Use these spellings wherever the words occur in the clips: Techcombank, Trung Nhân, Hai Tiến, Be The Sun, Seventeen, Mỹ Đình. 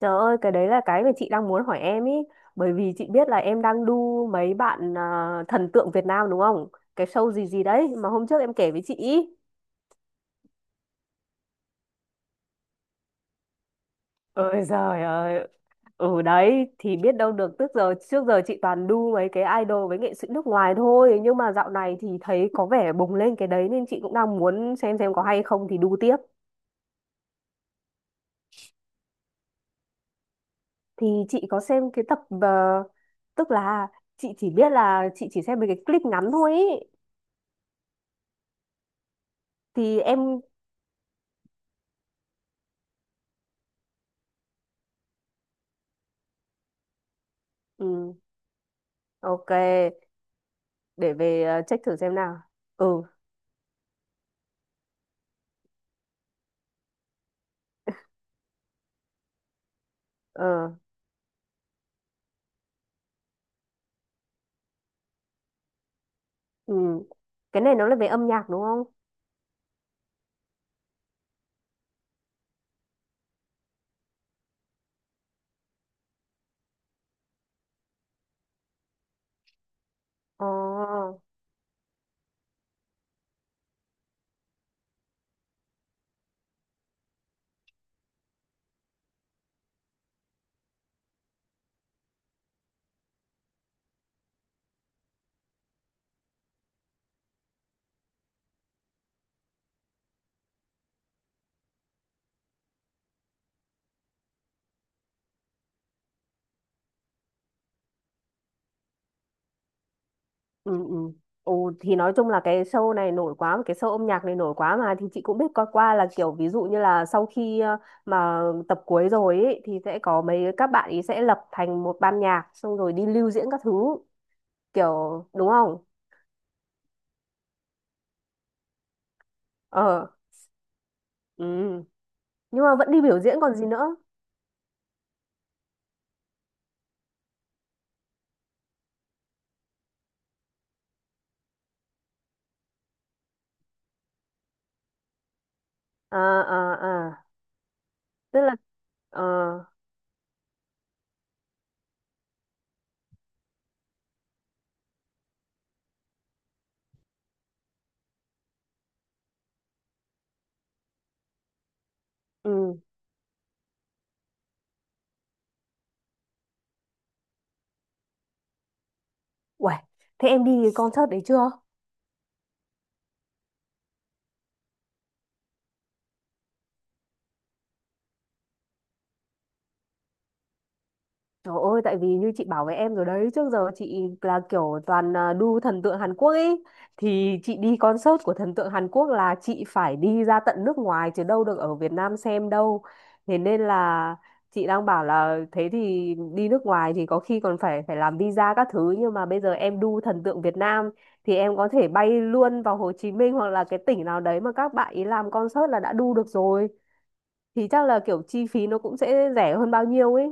Trời ơi, cái đấy là cái mà chị đang muốn hỏi em ý. Bởi vì chị biết là em đang đu mấy bạn à, thần tượng Việt Nam đúng không? Cái show gì gì đấy mà hôm trước em kể với chị ý. Ôi giời ơi, ừ đấy, thì biết đâu được. Tức giờ, trước giờ chị toàn đu mấy cái idol với nghệ sĩ nước ngoài thôi. Nhưng mà dạo này thì thấy có vẻ bùng lên cái đấy nên chị cũng đang muốn xem có hay không thì đu tiếp. Thì chị có xem cái tập, tức là chị chỉ biết là chị chỉ xem mấy cái clip ngắn thôi ý. Thì em, ừ, ok. Để về check thử xem nào. Ừ. Ờ. Ừ. Cái này nó là về âm nhạc đúng không? Ờ. Ừ. Ừ. Ồ, thì nói chung là cái show này nổi quá, cái show âm nhạc này nổi quá mà, thì chị cũng biết qua qua là kiểu ví dụ như là sau khi mà tập cuối rồi ý, thì sẽ có mấy các bạn ý sẽ lập thành một ban nhạc xong rồi đi lưu diễn các thứ kiểu đúng không? Ờ. Ừ. Nhưng mà vẫn đi biểu diễn còn gì nữa. À, à, à, tức là ờ, ừ, uầy. Thế em đi concert đấy chưa? Trời ơi, tại vì như chị bảo với em rồi đấy, trước giờ chị là kiểu toàn à, đu thần tượng Hàn Quốc ấy. Thì chị đi concert của thần tượng Hàn Quốc là chị phải đi ra tận nước ngoài chứ đâu được ở Việt Nam xem đâu. Thế nên là chị đang bảo là thế thì đi nước ngoài thì có khi còn phải phải làm visa các thứ. Nhưng mà bây giờ em đu thần tượng Việt Nam thì em có thể bay luôn vào Hồ Chí Minh hoặc là cái tỉnh nào đấy mà các bạn ý làm concert là đã đu được rồi. Thì chắc là kiểu chi phí nó cũng sẽ rẻ hơn bao nhiêu ấy.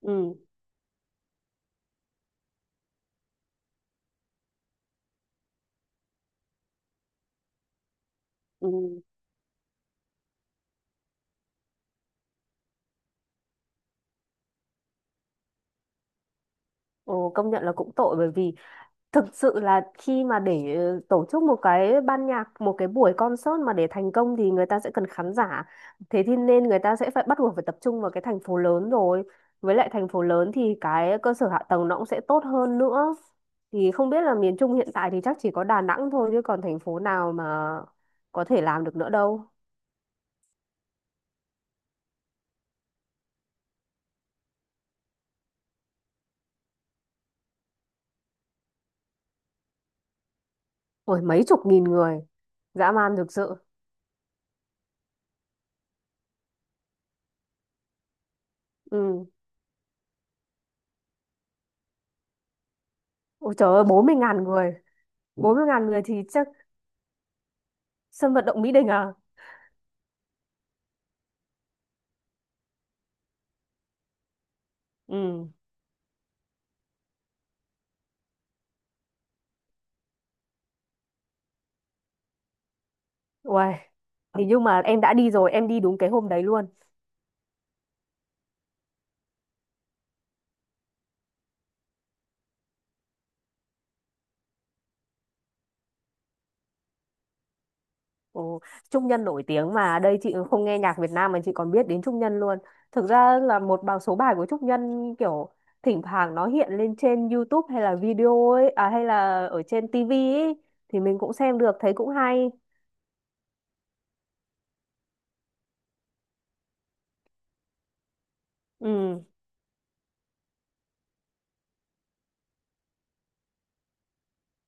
Ừ. Ừ. Ồ, công nhận là cũng tội bởi vì thực sự là khi mà để tổ chức một cái ban nhạc, một cái buổi concert mà để thành công thì người ta sẽ cần khán giả. Thế thì nên người ta sẽ phải bắt buộc phải tập trung vào cái thành phố lớn rồi. Với lại thành phố lớn thì cái cơ sở hạ tầng nó cũng sẽ tốt hơn nữa. Thì không biết là miền Trung hiện tại thì chắc chỉ có Đà Nẵng thôi chứ còn thành phố nào mà có thể làm được nữa đâu. Ôi mấy chục nghìn người, dã man thực sự. Ừ. Ôi trời ơi, 40.000 người. 40.000 người thì chắc sân vận động Mỹ Đình à? Ừ, uầy. Thì nhưng mà em đã đi rồi, em đi đúng cái hôm đấy luôn. Ồ, Trung Nhân nổi tiếng mà, đây chị không nghe nhạc Việt Nam mà chị còn biết đến Trung Nhân luôn. Thực ra là một bài số bài của Trung Nhân kiểu thỉnh thoảng nó hiện lên trên YouTube hay là video ấy, à, hay là ở trên TV ấy thì mình cũng xem được, thấy cũng hay. Ừ,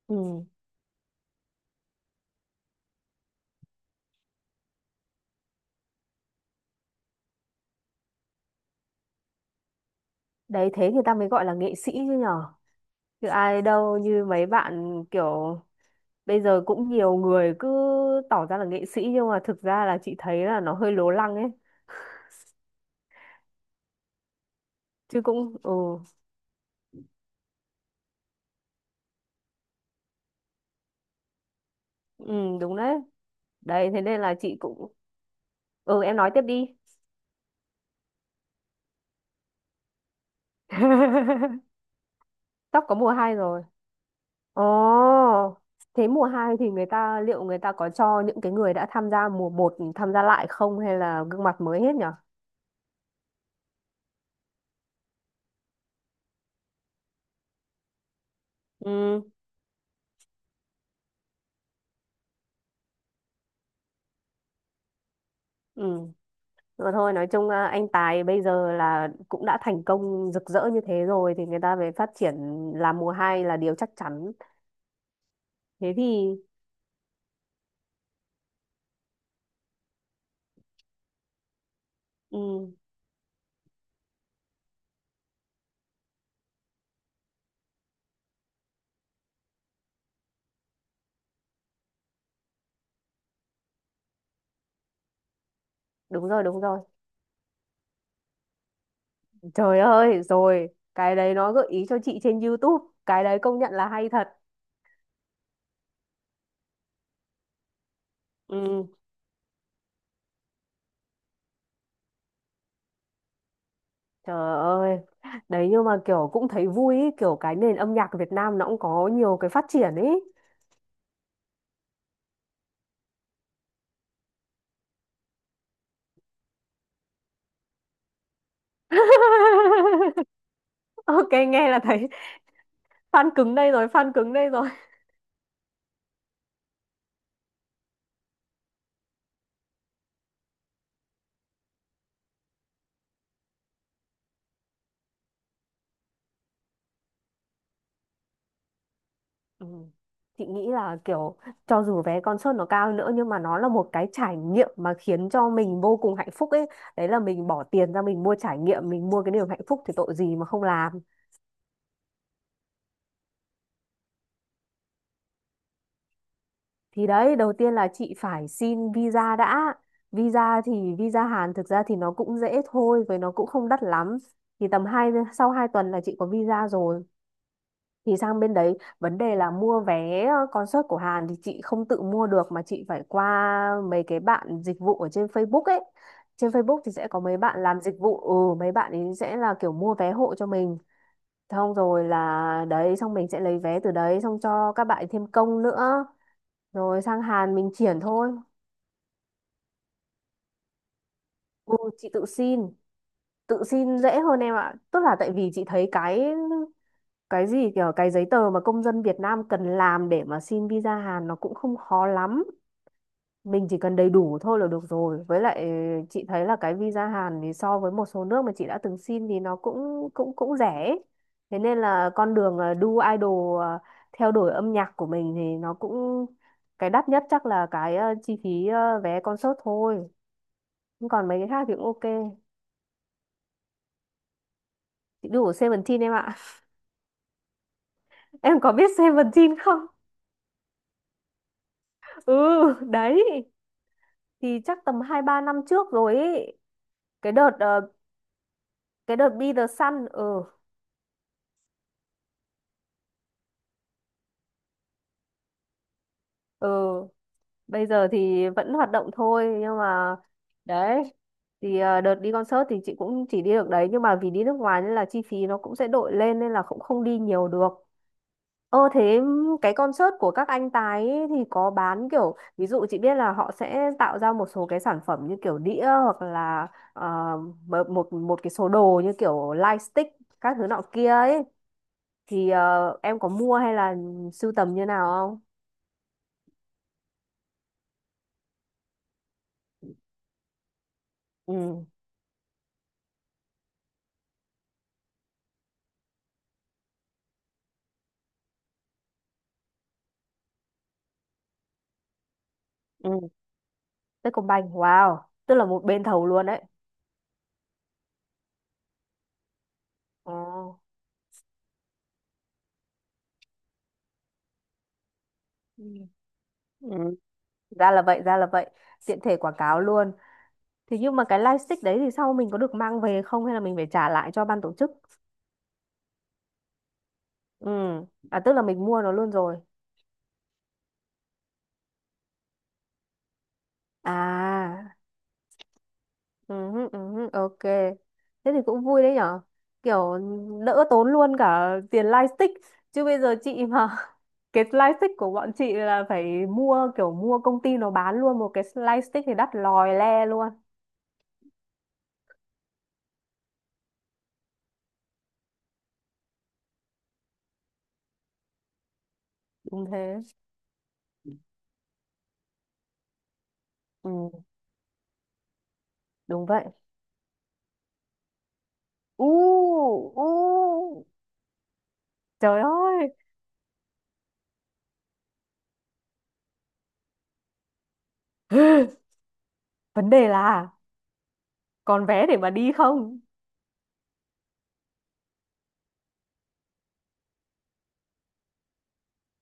ừ. Đấy thế người ta mới gọi là nghệ sĩ chứ nhở. Chứ ai đâu như mấy bạn kiểu bây giờ cũng nhiều người cứ tỏ ra là nghệ sĩ nhưng mà thực ra là chị thấy là nó hơi lố lăng ấy, chứ cũng ừ, ừ đúng đấy. Đấy thế nên là chị cũng ừ, em nói tiếp đi. tóc có mùa hai rồi. Ồ, thế mùa hai thì người ta liệu người ta có cho những cái người đã tham gia mùa một tham gia lại không hay là gương mặt mới hết nhở? Ừ. Ừ, rồi thôi nói chung à, anh Tài bây giờ là cũng đã thành công rực rỡ như thế rồi thì người ta về phát triển làm mùa hai là điều chắc chắn. Thế thì ừ, đúng rồi đúng rồi. Trời ơi, rồi, cái đấy nó gợi ý cho chị trên YouTube, cái đấy công nhận là hay thật. Ừ, trời ơi. Đấy nhưng mà kiểu cũng thấy vui ý, kiểu cái nền âm nhạc Việt Nam nó cũng có nhiều cái phát triển ấy. Ok, nghe là thấy fan cứng đây rồi, fan cứng đây rồi. Ừ. Chị nghĩ là kiểu cho dù vé concert nó cao hơn nữa nhưng mà nó là một cái trải nghiệm mà khiến cho mình vô cùng hạnh phúc ấy. Đấy là mình bỏ tiền ra mình mua trải nghiệm, mình mua cái niềm hạnh phúc thì tội gì mà không làm. Thì đấy, đầu tiên là chị phải xin visa đã. Visa thì visa Hàn thực ra thì nó cũng dễ thôi, với nó cũng không đắt lắm. Thì tầm 2 tuần là chị có visa rồi, thì sang bên đấy vấn đề là mua vé concert của Hàn thì chị không tự mua được mà chị phải qua mấy cái bạn dịch vụ ở trên Facebook ấy. Trên Facebook thì sẽ có mấy bạn làm dịch vụ, ừ, mấy bạn ấy sẽ là kiểu mua vé hộ cho mình, xong rồi là đấy, xong mình sẽ lấy vé từ đấy, xong cho các bạn ấy thêm công nữa, rồi sang Hàn mình triển thôi. Ừ, chị tự xin. Tự xin dễ hơn em ạ, tức là tại vì chị thấy cái gì kiểu cái giấy tờ mà công dân Việt Nam cần làm để mà xin visa Hàn nó cũng không khó lắm, mình chỉ cần đầy đủ thôi là được rồi. Với lại chị thấy là cái visa Hàn thì so với một số nước mà chị đã từng xin thì nó cũng cũng cũng rẻ ấy. Thế nên là con đường đu idol, theo đuổi âm nhạc của mình thì nó cũng, cái đắt nhất chắc là cái chi phí, vé concert thôi. Nhưng còn mấy cái khác thì cũng ok. Chị đu của Seventeen em ạ. em có biết Seventeen không? Ừ, đấy, thì chắc tầm 2 3 năm trước rồi ý. Cái đợt cái đợt Be The Sun, ừ, ừ, bây giờ thì vẫn hoạt động thôi nhưng mà đấy. Thì đợt đi concert thì chị cũng chỉ đi được đấy nhưng mà vì đi nước ngoài nên là chi phí nó cũng sẽ đội lên nên là cũng không đi nhiều được. Ờ thế cái concert của các anh Tài ấy thì có bán kiểu ví dụ chị biết là họ sẽ tạo ra một số cái sản phẩm như kiểu đĩa hoặc là ờ, một một một cái số đồ như kiểu lightstick các thứ nọ kia ấy, thì em có mua hay là sưu tầm như nào không? Ừ. Ừ, Techcombank, wow, tức là một bên thầu luôn đấy. Ồ. Ừ. Ừ. Ra là vậy, ra là vậy, tiện thể quảng cáo luôn. Thì nhưng mà cái lightstick đấy thì sau mình có được mang về không hay là mình phải trả lại cho ban tổ chức? Ừ. À, tức là mình mua nó luôn rồi. À. Ừ, hứ, ok. Thế thì cũng vui đấy nhở. Kiểu đỡ tốn luôn cả tiền lightstick. Chứ bây giờ chị mà cái lightstick của bọn chị là phải mua kiểu mua công ty nó bán luôn, một cái lightstick thì đắt lòi le luôn. Đúng thế. Ừ, đúng vậy. U, u. Trời ơi. Vấn đề là còn vé để mà đi không?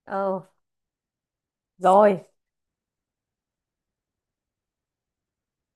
Ờ, rồi.